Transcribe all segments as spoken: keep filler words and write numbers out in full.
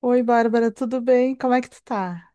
Oi, Bárbara, tudo bem? Como é que tu tá?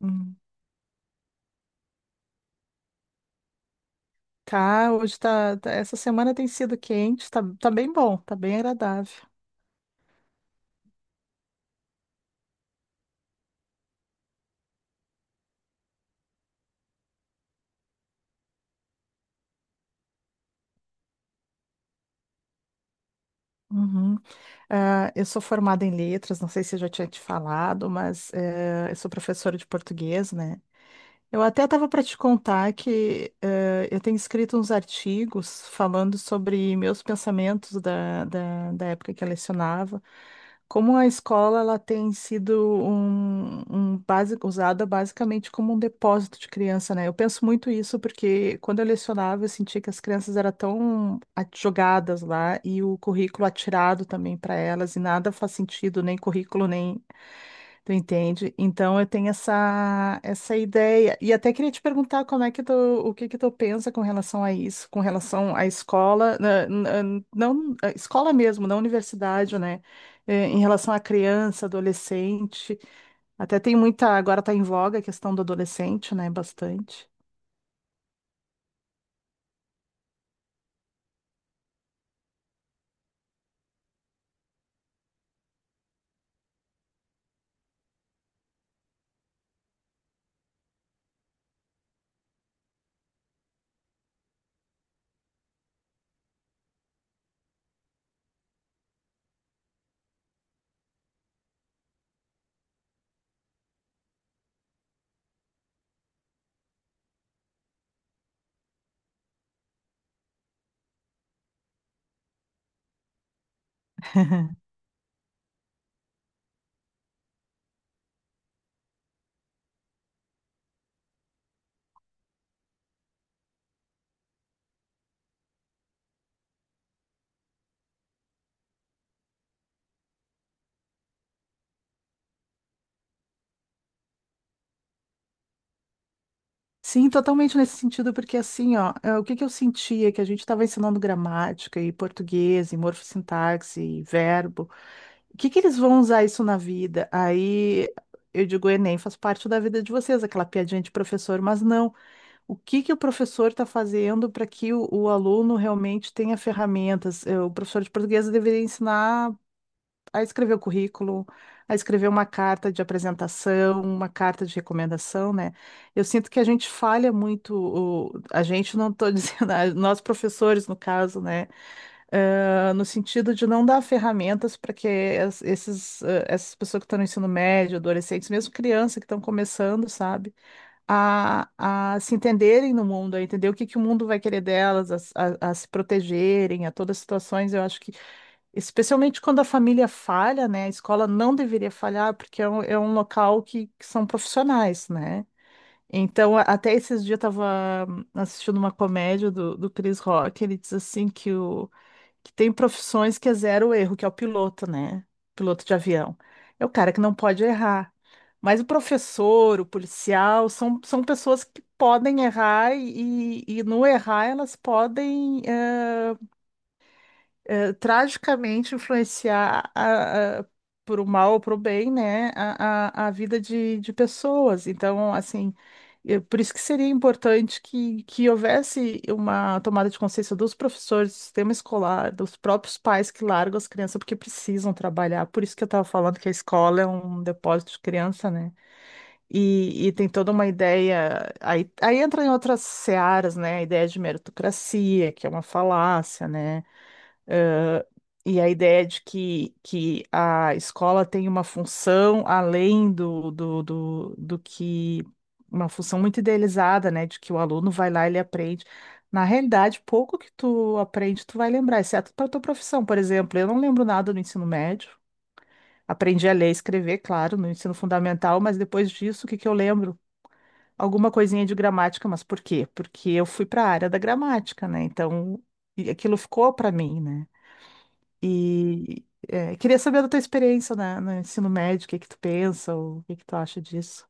Hum, tá, hoje tá, tá- essa semana tem sido quente, tá, tá bem bom, tá bem agradável. Uhum. Ah, eu sou formada em letras, não sei se eu já tinha te falado, mas eh, eu sou professora de português, né? Eu até estava para te contar que eh, eu tenho escrito uns artigos falando sobre meus pensamentos da, da, da época que eu lecionava, como a escola ela tem sido um, um basi- usada basicamente como um depósito de criança, né? Eu penso muito isso porque quando eu lecionava eu sentia que as crianças eram tão at- jogadas lá e o currículo atirado também para elas e nada faz sentido, nem currículo, nem tu entende? Então eu tenho essa essa ideia e até queria te perguntar como é que tu, o que que tu pensa com relação a isso, com relação à escola, na- na- não, à escola mesmo, na universidade, né? Eh, em relação à criança, adolescente, até tem muita, agora está em voga a questão do adolescente, né? Bastante. Sim, totalmente nesse sentido, porque assim, ó, eh, o que que eu sentia que a gente estava ensinando gramática e português e morfossintaxe e verbo. O que que eles vão usar isso na vida? Aí eu digo, o Enem faz parte da vida de vocês, aquela piadinha de professor, mas não. O que que o professor está fazendo para que o, o aluno realmente tenha ferramentas? Eh, O professor de português deveria ensinar a escrever o currículo, a escrever uma carta de apresentação, uma carta de recomendação, né? Eu sinto que a gente falha muito, o- a gente não estou dizendo, a- nós professores, no caso, né? ah, no sentido de não dar ferramentas para que es- esses, ah, essas pessoas que estão no ensino médio, adolescentes, mesmo criança que estão começando, sabe, a, a se entenderem no mundo, a entender o que, que o mundo vai querer delas, a, s- a- a se protegerem, a todas as situações. Eu acho que, especialmente quando a família falha, né, a escola não deveria falhar, porque é um, é um local que, que são profissionais, né? Então, a- até esses dias eu estava assistindo uma comédia do, do Chris Rock, ele diz assim que o que tem profissões que é zero erro, que é o piloto, né? Piloto de avião. É o cara que não pode errar. Mas o professor, o policial, são, são pessoas que podem errar e, e- e no errar elas podem. Eh, eh, tragicamente influenciar a- a- por o mal ou para o bem, né, a, a, a vida de, de pessoas. Então, assim, eh, por isso que seria importante que, que houvesse uma tomada de consciência dos professores, do sistema escolar, dos próprios pais que largam as crianças porque precisam trabalhar. Por isso que eu estava falando que a escola é um depósito de criança, né? E, e tem toda uma ideia. Aí, aí entra em outras searas, né? A ideia de meritocracia, que é uma falácia, né? E a ideia de que, que a escola tem uma função além do, do, do, do que uma função muito idealizada, né? De que o aluno vai lá e ele aprende. Na realidade, pouco que tu aprende, tu vai lembrar, exceto para tua profissão, por exemplo. Eu não lembro nada do ensino médio. Aprendi a ler e escrever, claro, no ensino fundamental, mas depois disso, o que que eu lembro? Alguma coisinha de gramática, mas por quê? Porque eu fui para a área da gramática, né? Então, e aquilo ficou para mim, né? E é, queria saber da tua experiência na, no ensino médio, o que que tu pensa, ou o que que tu acha disso?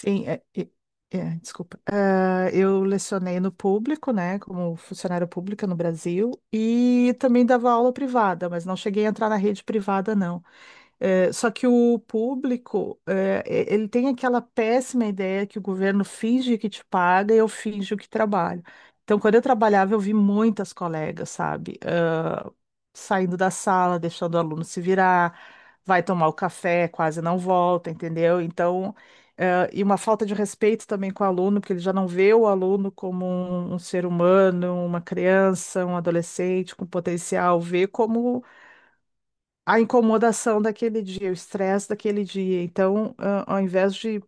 Sim, é, é- é, desculpa. Ah, eu lecionei no público, né, como funcionária pública no Brasil, e também dava aula privada, mas não cheguei a entrar na rede privada, não. Eh, só que o público, eh, e- ele tem aquela péssima ideia que o governo finge que te paga e eu finjo que trabalho. Então, quando eu trabalhava, eu vi muitas colegas, sabe? Saindo da sala, deixando o aluno se virar, vai tomar o café, quase não volta, entendeu? Então, eh, e uma falta de respeito também com o aluno, porque ele já não vê o aluno como um, um ser humano, uma criança, um adolescente com potencial, vê como a incomodação daquele dia, o estresse daquele dia. Então, ah, ao invés de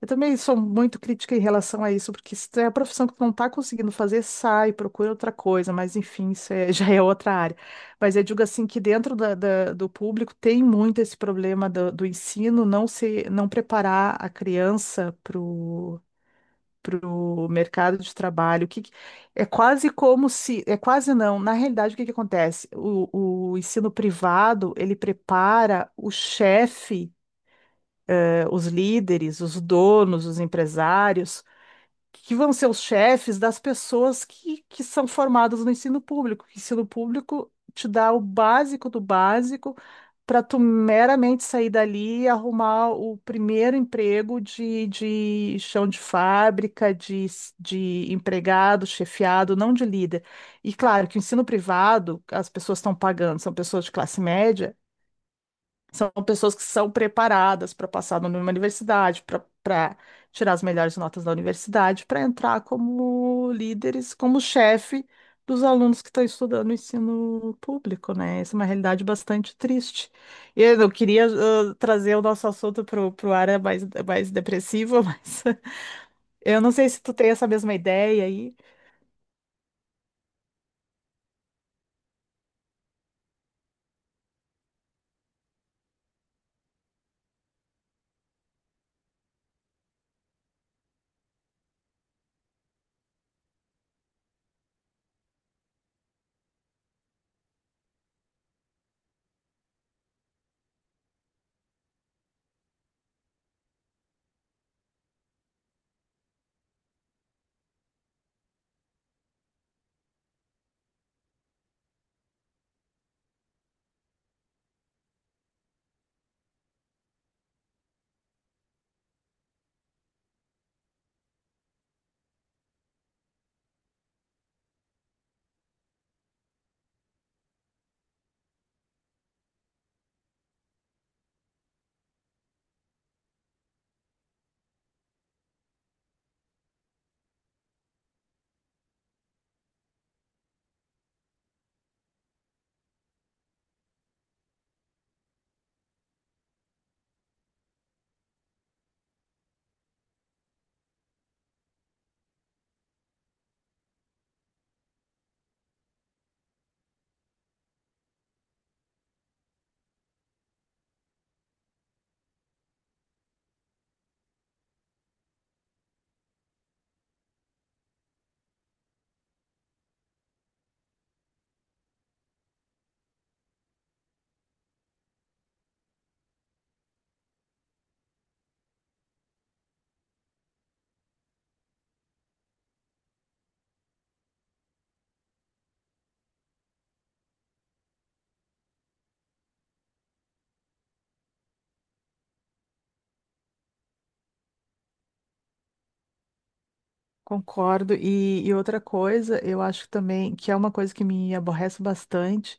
eu também sou muito crítica em relação a isso, porque se é a profissão que tu não tá conseguindo fazer, sai, procura outra coisa, mas enfim, isso é- já é outra área. Mas eu digo assim que dentro da- da- do público tem muito esse problema do, do ensino não se, não preparar a criança para o mercado de trabalho. O que que- é quase como se, é quase não, na realidade o que que acontece? O, o ensino privado, ele prepara o chefe, eh, os líderes, os donos, os empresários que vão ser os chefes das pessoas que, que são formadas no ensino público. O ensino público te dá o básico do básico para tu meramente sair dali e arrumar o primeiro emprego de, de chão de fábrica, de, s- de empregado, chefiado, não de líder. E claro que o ensino privado, as pessoas estão pagando, são pessoas de classe média, são pessoas que são preparadas para passar numa universidade, para tirar as melhores notas da universidade, para entrar como líderes, como chefe dos alunos que estão estudando o ensino público, né? Essa é uma realidade bastante triste. E eu queria ah, trazer o nosso assunto para o área mais, é mais depressiva, mas eu não sei se tu tem essa mesma ideia aí. Concordo. E, e outra coisa, eu acho também que é uma coisa que me aborrece bastante.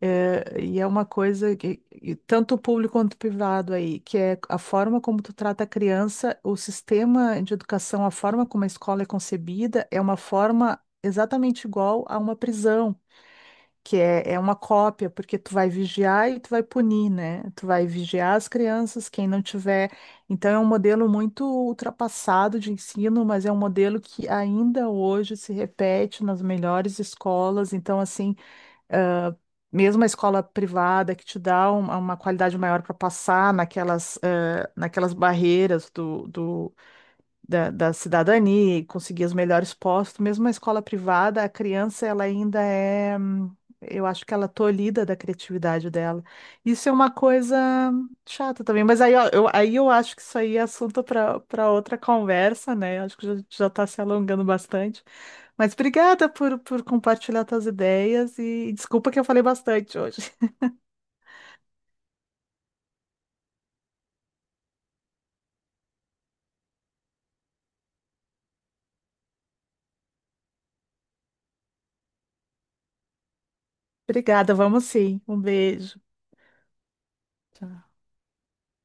É, e é uma coisa que, e tanto público quanto privado aí, que é a forma como tu trata a criança, o sistema de educação, a forma como a escola é concebida, é uma forma exatamente igual a uma prisão, que é, é uma cópia, porque tu vai vigiar e tu vai punir, né? Tu vai vigiar as crianças, quem não tiver. Então é um modelo muito ultrapassado de ensino, mas é um modelo que ainda hoje se repete nas melhores escolas. Então, assim, mesmo a escola privada que te dá um- uma qualidade maior para passar naquelas, eh, naquelas barreiras do, do- da, da cidadania e conseguir os melhores postos, mesmo a escola privada, a criança ela ainda é, hum, eu acho que ela é tolhida da criatividade dela. Isso é uma coisa chata também, mas aí ó, eu, aí eu acho que isso aí é assunto para para outra conversa, né? Acho que já, já está se alongando bastante. Mas obrigada por, por compartilhar tuas ideias e desculpa que eu falei bastante hoje. Obrigada, vamos sim. Um beijo. Tchau.